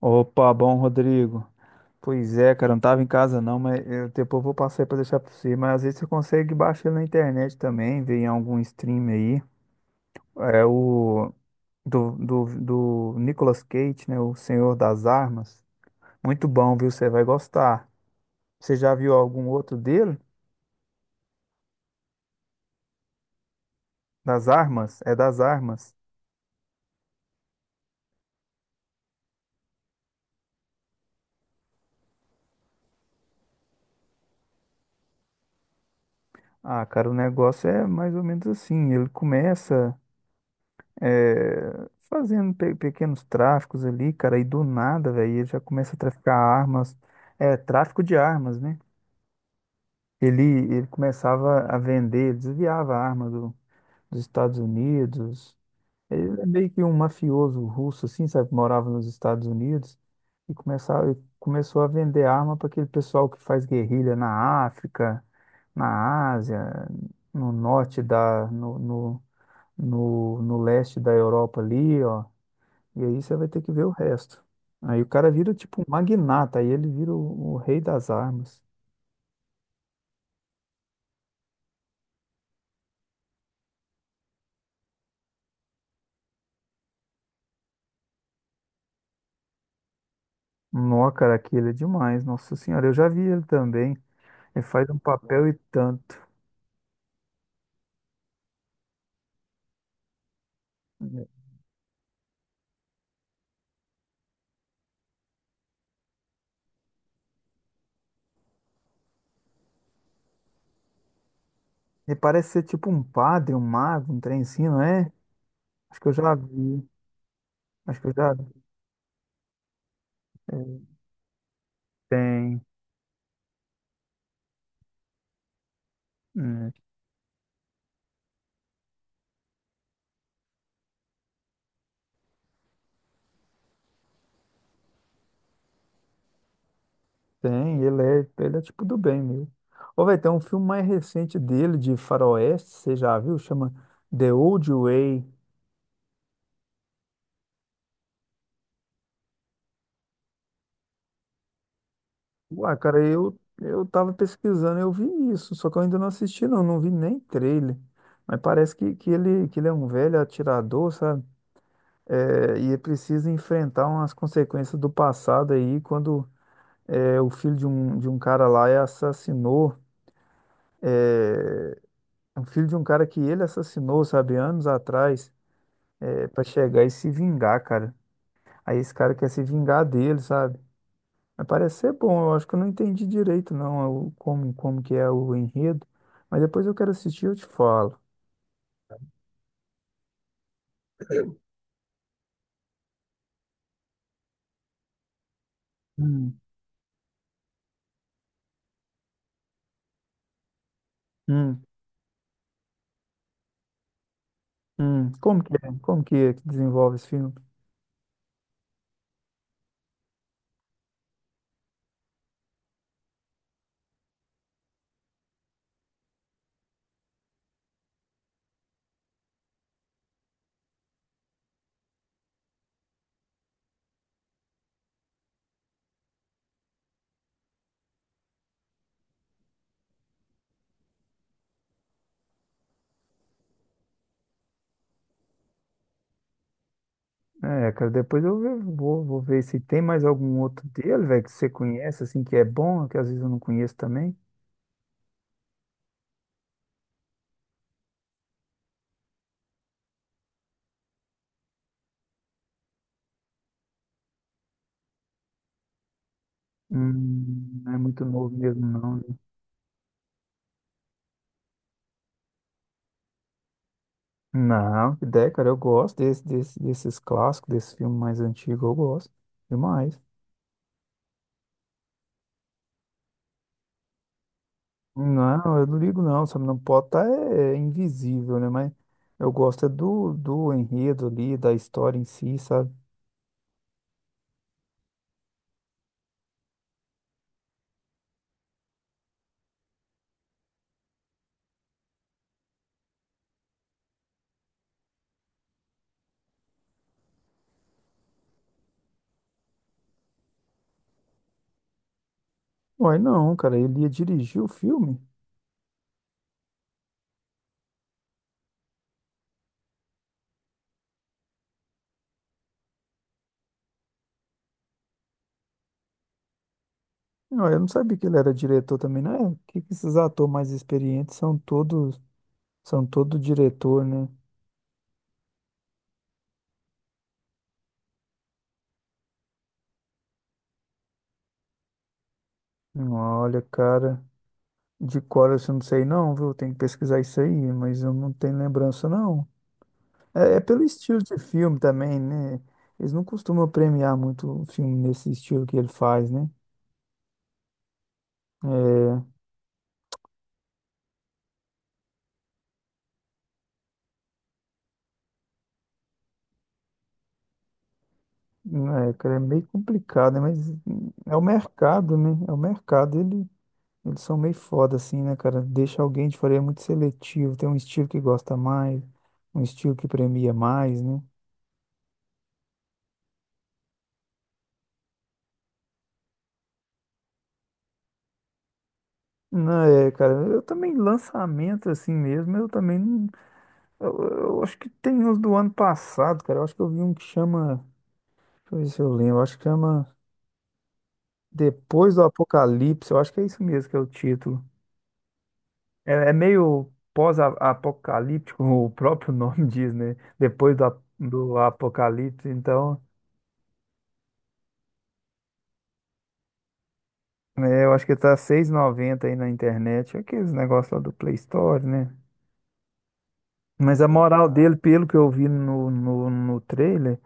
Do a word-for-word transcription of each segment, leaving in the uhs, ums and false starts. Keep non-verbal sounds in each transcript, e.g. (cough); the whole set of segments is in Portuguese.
Opa, bom, Rodrigo. Pois é, cara, eu não tava em casa não, mas eu depois vou passar aí pra deixar pra você. Mas às vezes você consegue baixar ele na internet também, ver em algum stream aí. É o do, do, do Nicolas Cage, né? O Senhor das Armas. Muito bom, viu? Você vai gostar. Você já viu algum outro dele? Das armas? É das armas. Ah, cara, o negócio é mais ou menos assim. Ele começa. é, fazendo pe- pequenos tráficos ali, cara, e do nada, velho, ele já começa a traficar armas, é, tráfico de armas, né? Ele, ele começava a vender, desviava a arma do, dos Estados Unidos. Ele é meio que um mafioso russo, assim, sabe? Que morava nos Estados Unidos e começava, e começou a vender arma para aquele pessoal que faz guerrilha na África, na Ásia, no norte da, no, no, no, no leste da Europa ali, ó. E aí você vai ter que ver o resto. Aí o cara vira tipo um magnata, aí ele vira o, o rei das armas. Nó, cara, aquele é demais, nossa senhora. Eu já vi ele também. Ele faz um papel e tanto. Ele parece ser tipo um padre, um mago, um trem assim, não é? Acho que eu já vi. Acho que eu já tem. Hum, tem, ele é, ele é tipo do bem mesmo. Ou vai ter um filme mais recente dele, de faroeste, você já viu? Chama The Old Way. Uai, cara, eu, eu tava pesquisando, eu vi isso, só que eu ainda não assisti, não, não vi nem trailer. Mas parece que, que ele, que ele é um velho atirador, sabe? É, e ele precisa enfrentar umas consequências do passado aí, quando é, o filho de um, de um cara lá é assassinou, o filho de um cara que ele assassinou, sabe, anos atrás, é, para chegar e se vingar, cara. Aí esse cara quer se vingar dele, sabe? Mas parece ser bom, eu acho que eu não entendi direito, não, é o- como, como que é o enredo. Mas depois eu quero assistir e eu te falo. Hum, Hum, hum. Como que é? Como que é que desenvolve esse filme? É, cara, depois eu ve- vou, vou ver se tem mais algum outro dele, velho, que você conhece, assim, que é bom, que às vezes eu não conheço também. Hum, não é muito novo mesmo, não, né? Não, que ideia, cara, eu gosto desse, desse, desses clássicos, desse filme mais antigo, eu gosto demais. Não, eu não ligo não, sabe? Não pode estar é, é invisível, né? Mas eu gosto é do, do enredo ali, da história em si, sabe? Uai, não, cara, ele ia dirigir o filme? Não, eu não sabia que ele era diretor também, né? Por que que esses atores mais experientes são todos, são todo diretor, né? Olha, cara, de cor assim, eu não sei não, viu? Tem que pesquisar isso aí, mas eu não tenho lembrança não. É, é pelo estilo de filme também, né? Eles não costumam premiar muito o filme nesse estilo que ele faz, né? É, é, cara, é meio complicado, né? Mas é o mercado, né? É o mercado, ele, eles são meio foda, assim, né, cara? Deixa alguém de fora, é muito seletivo, tem um estilo que gosta mais, um estilo que premia mais, né? Não, é, cara, eu também, lançamento assim mesmo, eu também não. Eu, eu acho que tem uns do ano passado, cara. Eu acho que eu vi um que chama. Deixa eu ver se eu lembro. Eu acho que chama Depois do Apocalipse. Eu acho que é isso mesmo que é o título. É, é meio pós-apocalíptico, (laughs) o próprio nome (laughs) diz, né? Depois do, a- do apocalipse, então, né, eu acho que tá seis e noventa aí na internet, aqueles negócios lá do Play Store, né? Mas a moral dele, pelo que eu vi no, no, no trailer,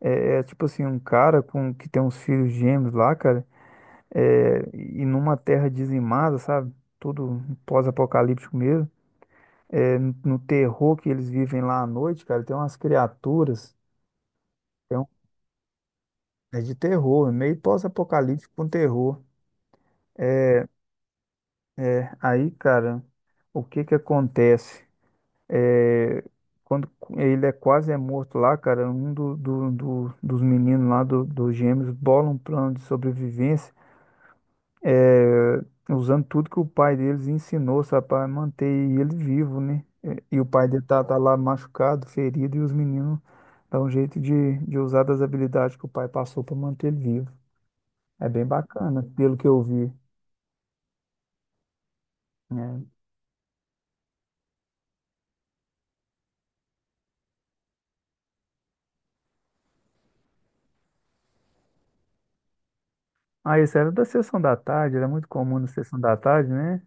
é, é tipo assim, um cara com que tem uns filhos gêmeos lá, cara, é, e numa terra dizimada, sabe? Tudo pós-apocalíptico mesmo. É, no no terror que eles vivem lá à noite, cara, tem umas criaturas. É de terror, é meio pós-apocalíptico com terror. Aí, cara, o que que acontece? É, quando ele é quase é morto lá, cara, um do, do- do- dos meninos lá, do- dos gêmeos, bola um plano de sobrevivência, é, usando tudo que o pai deles ensinou, sabe, para manter ele vivo, né? É, e o pai dele tá, tá lá machucado, ferido, e os meninos dão um jeito de, de usar das habilidades que o pai passou para manter ele vivo. É bem bacana, pelo que eu vi, né? Ah, isso era da sessão da tarde, era muito comum na sessão da tarde, né?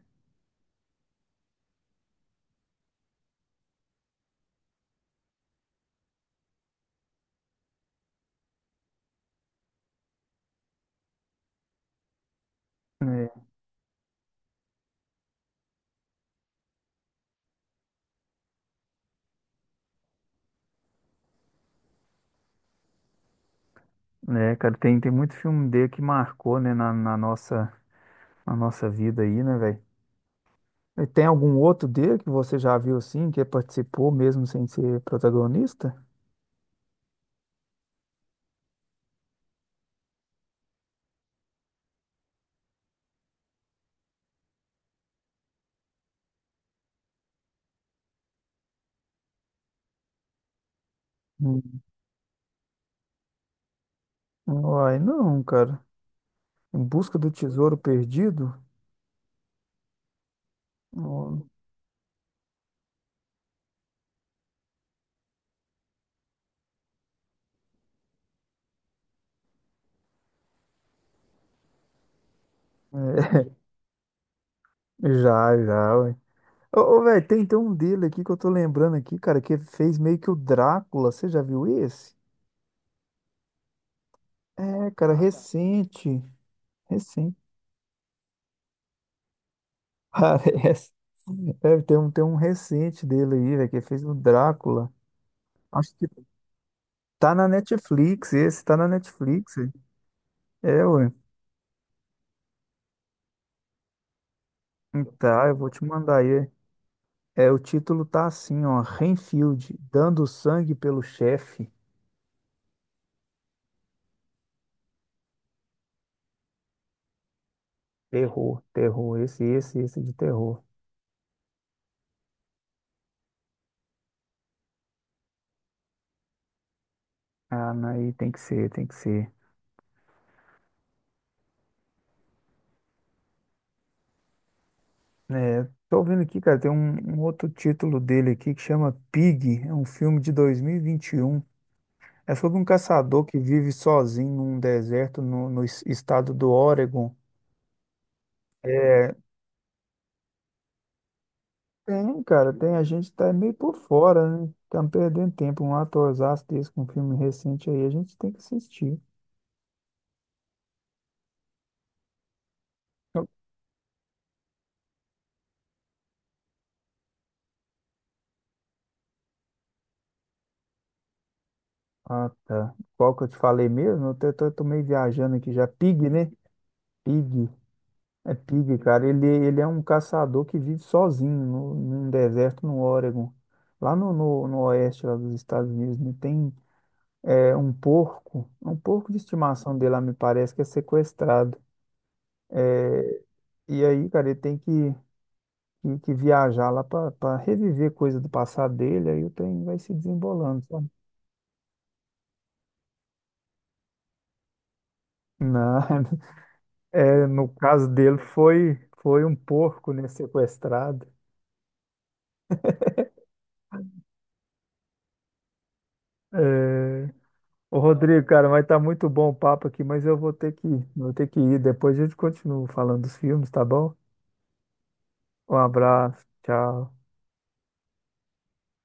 É, né, cara, tem, tem muito filme dele que marcou, né, na, na nossa, na nossa vida aí, né, velho? E tem algum outro dele que você já viu assim, que participou mesmo sem ser protagonista? Hum. Uai, não, cara. Em Busca do Tesouro Perdido? Ó, é, (laughs) já, já, ué. Ô, ô, velho, tem, tem um dele aqui que eu tô lembrando aqui, cara, que fez meio que o Drácula. Você já viu esse? É, cara, recente. Recente. Parece. Deve ter um, tem um recente dele aí, velho, que ele fez o Drácula. Acho que tá na Netflix, esse tá na Netflix, velho. É, ué. Tá, eu vou te mandar aí. É, o título tá assim, ó, Renfield, dando sangue pelo chefe. Terror, terror, esse, esse, esse de terror. Ah, não, aí tem que ser, tem que ser. É, tô ouvindo aqui, cara, tem um, um outro título dele aqui que chama Pig, é um filme de dois mil e vinte e um. É sobre um caçador que vive sozinho num deserto no, no es- estado do Oregon. É, tem, cara, tem. A gente tá meio por fora, né? Estamos perdendo tempo. Um atorzaço desse com um filme recente aí, a gente tem que assistir. Ah, tá. Qual que eu te falei mesmo? Eu tô, tô- tô meio viajando aqui já. Pig, né? Pig. É Pig, cara. Ele, ele é um caçador que vive sozinho no, num deserto no Oregon. Lá no, no, no oeste lá dos Estados Unidos, né? Tem é um porco, é um porco de estimação dele lá, me parece que é sequestrado. E aí, cara, ele tem que, que, que viajar lá para reviver coisa do passado dele, aí o trem vai se desembolando, sabe? Não, (laughs) é, no caso dele foi, foi um porco, né, sequestrado. É... Ô Rodrigo, cara, mas tá muito bom o papo aqui, mas eu vou ter que, vou ter que ir. Depois a gente continua falando dos filmes, tá bom? Um abraço, tchau.